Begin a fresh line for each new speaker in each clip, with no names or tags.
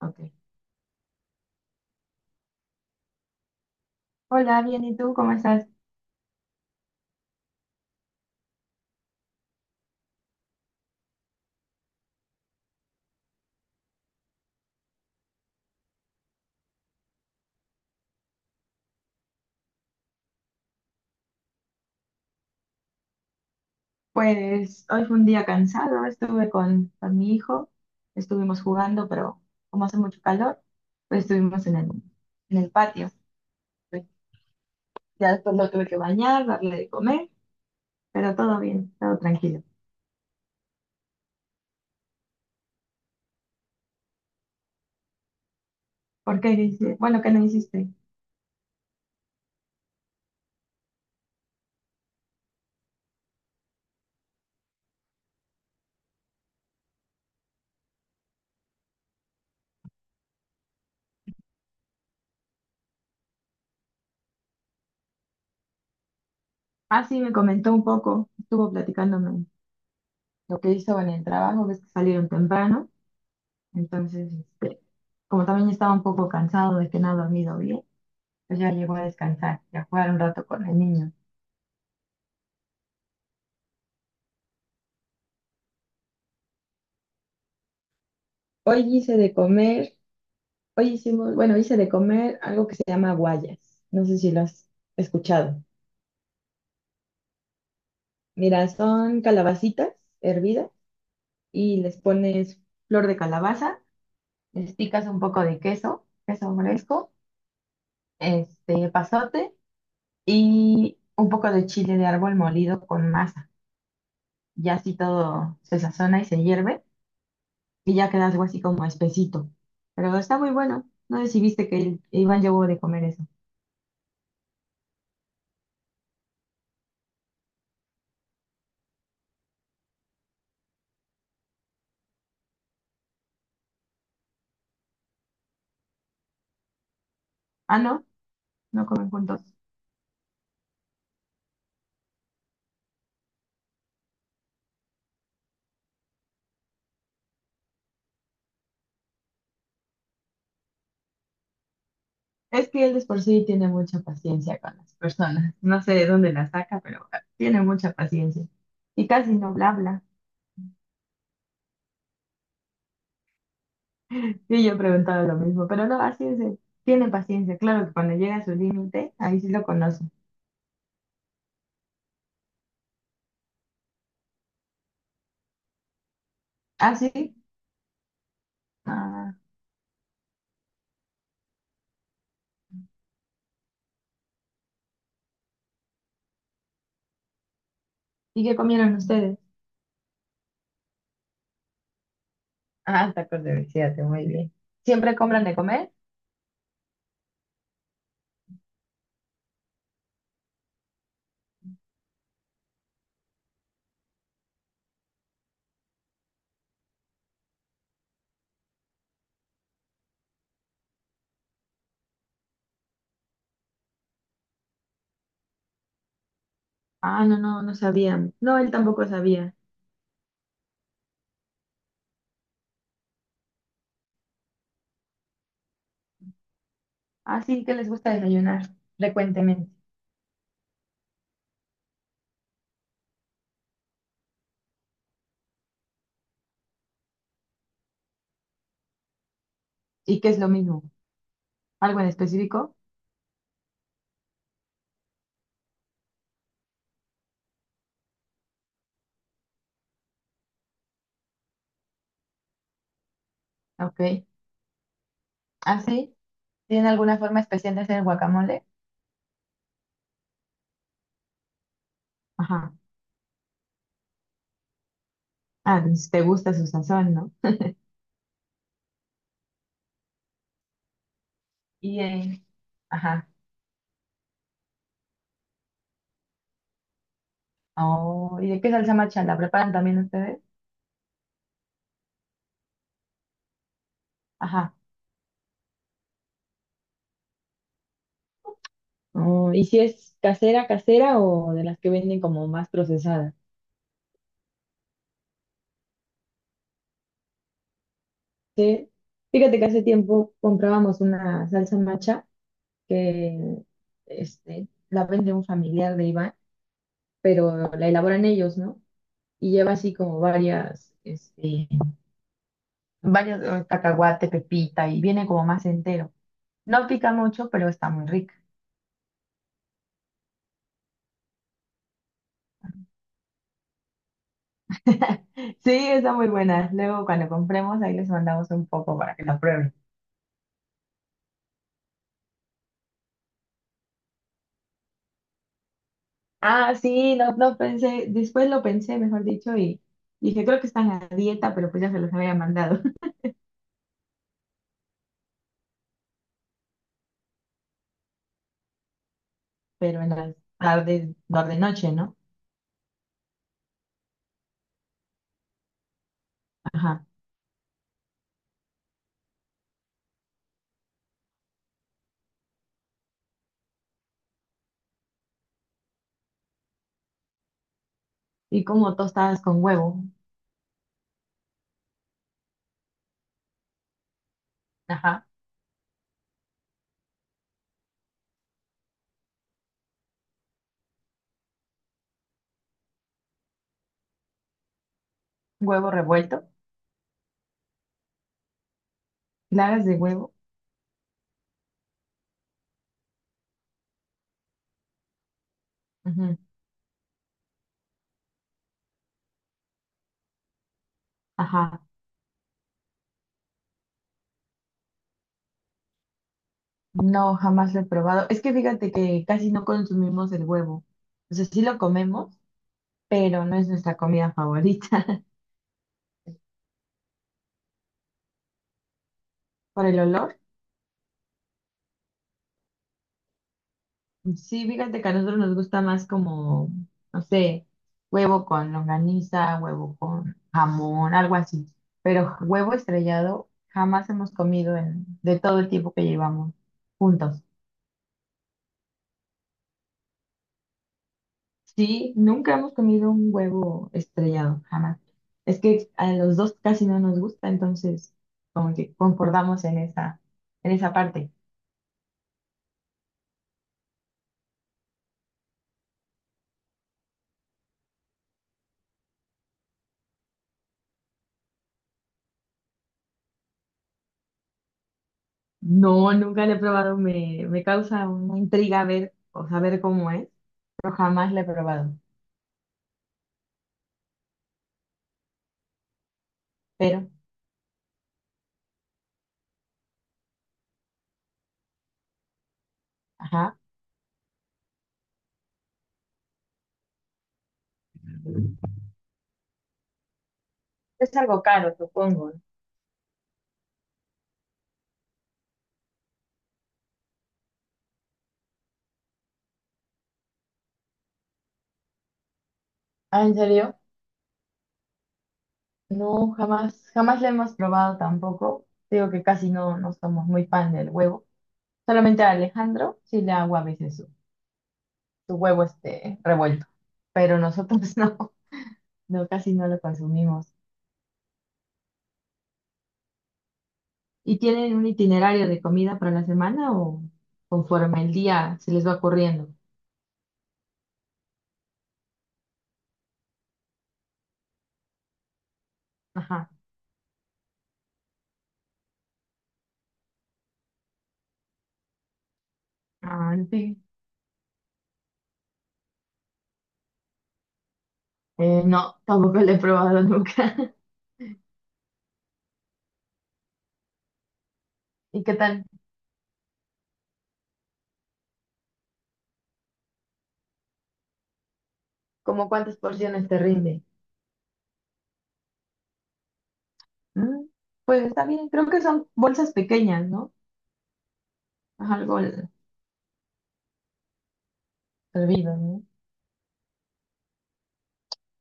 Ok. Hola, bien, ¿y tú cómo estás? Pues hoy fue un día cansado, estuve con mi hijo, estuvimos jugando, pero como hace mucho calor, pues estuvimos en en el patio. Pues, ya después lo tuve que bañar, darle de comer, pero todo bien, todo tranquilo. ¿Por qué? Dice, bueno, ¿qué no hiciste? Ah, sí, me comentó un poco, estuvo platicándome lo que hizo en el trabajo, ves que salieron temprano, entonces, como también estaba un poco cansado de que no ha dormido bien. Pues ya llegó a descansar y a jugar un rato con el niño. Hoy hice de comer, hice de comer algo que se llama guayas. No sé si lo has escuchado. Mira, son calabacitas hervidas y les pones flor de calabaza. Les picas un poco de queso, queso fresco, este pasote y un poco de chile de árbol molido con masa. Ya así todo se sazona y se hierve, y ya queda algo así como espesito. Pero está muy bueno. No sé si viste que Iván llevó de comer eso. Ah, no, no comen juntos. Es que él de por sí tiene mucha paciencia con las personas. No sé de dónde la saca, pero tiene mucha paciencia. Y casi no bla habla. Y yo he preguntado lo mismo, pero no, así es él. Tiene paciencia. Claro que cuando llega a su límite, ahí sí lo conoce. ¿Ah, sí? Ah, ¿y qué comieron ustedes? Ah, tacos de fíjate, muy bien. ¿Siempre compran de comer? Ah, no, no, no sabía. No, él tampoco sabía. Así que les gusta desayunar frecuentemente. ¿Y qué es lo mismo? ¿Algo en específico? Ok. ¿Así? ¿Tienen alguna forma especial de hacer guacamole? Ajá. Ah, pues, te gusta su sazón, ¿no? Y, ajá. Oh, ¿y de qué salsa macha la preparan también ustedes? Ajá. Oh, ¿y si es casera, casera o de las que venden como más procesadas? Sí. Fíjate que hace tiempo comprábamos una salsa macha que la vende un familiar de Iván, pero la elaboran ellos, ¿no? Y lleva así como varias, varios cacahuate, pepita, y viene como más entero. No pica mucho, pero está muy rica. Sí, está muy buena. Luego cuando compremos, ahí les mandamos un poco para que la prueben. Ah, sí, no, no pensé, después lo pensé, mejor dicho, y dije, creo que están a dieta, pero pues ya se los había mandado. Pero en las tardes, tarde noche, ¿no? Ajá. Y como tostadas con huevo, ajá, huevo revuelto, claras de huevo. Ajá, no, jamás lo he probado. Es que fíjate que casi no consumimos el huevo. O sea, sí lo comemos, pero no es nuestra comida favorita. Por el olor, sí, fíjate que a nosotros nos gusta más como, no sé, huevo con longaniza, huevo con jamón, algo así. Pero huevo estrellado jamás hemos comido en, de todo el tiempo que llevamos juntos. Sí, nunca hemos comido un huevo estrellado, jamás. Es que a los dos casi no nos gusta, entonces como que concordamos en esa parte. No, nunca lo he probado, me causa una intriga ver o saber cómo es, pero jamás lo he probado. Pero, ajá, es algo caro, supongo, ¿no? Ah, ¿en serio? No, jamás, jamás lo hemos probado tampoco. Digo que casi no, no somos muy fan del huevo. Solamente a Alejandro sí le hago a veces su huevo este revuelto, pero nosotros no, no, casi no lo consumimos. ¿Y tienen un itinerario de comida para la semana o conforme el día se les va ocurriendo? Ajá. Ah, sí. No, tampoco lo he probado nunca. ¿Y qué tal? ¿Cómo cuántas porciones te rinde? Mm, pues está bien, creo que son bolsas pequeñas, ¿no? Es algo servido, ¿no?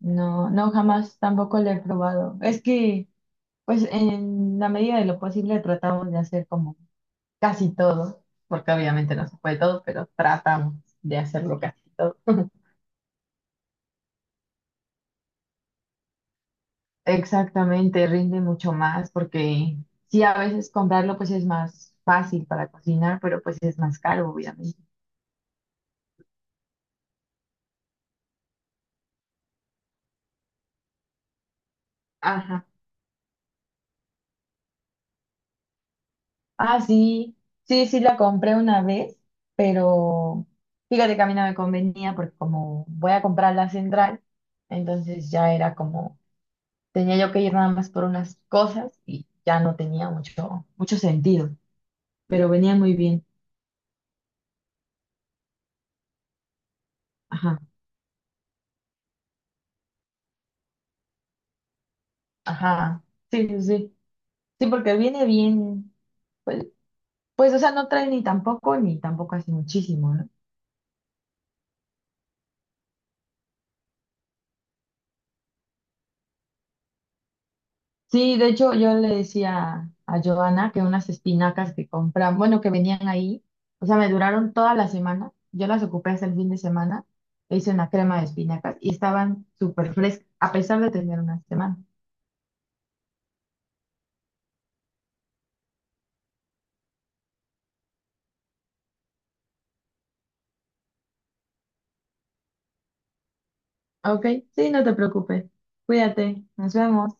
No, no, jamás tampoco lo he probado. Es que, pues en la medida de lo posible tratamos de hacer como casi todo, porque obviamente no se puede todo, pero tratamos de hacerlo casi todo. Exactamente, rinde mucho más porque sí, a veces comprarlo pues es más fácil para cocinar, pero pues es más caro, obviamente. Ajá. Ah, sí, sí, sí la compré una vez, pero fíjate que a mí no me convenía porque como voy a comprar la central, entonces ya era como, tenía yo que ir nada más por unas cosas y ya no tenía mucho, mucho sentido, pero venía muy bien. Ajá, ajá. Sí, sí, sí. Sí, porque viene bien, pues, pues, o sea, no trae ni tampoco, ni tampoco así muchísimo, ¿no? Sí, de hecho, yo le decía a Giovanna que unas espinacas que compran, bueno, que venían ahí, o sea, me duraron toda la semana. Yo las ocupé hasta el fin de semana, e hice una crema de espinacas y estaban súper frescas, a pesar de tener una semana. Ok, sí, no te preocupes. Cuídate, nos vemos.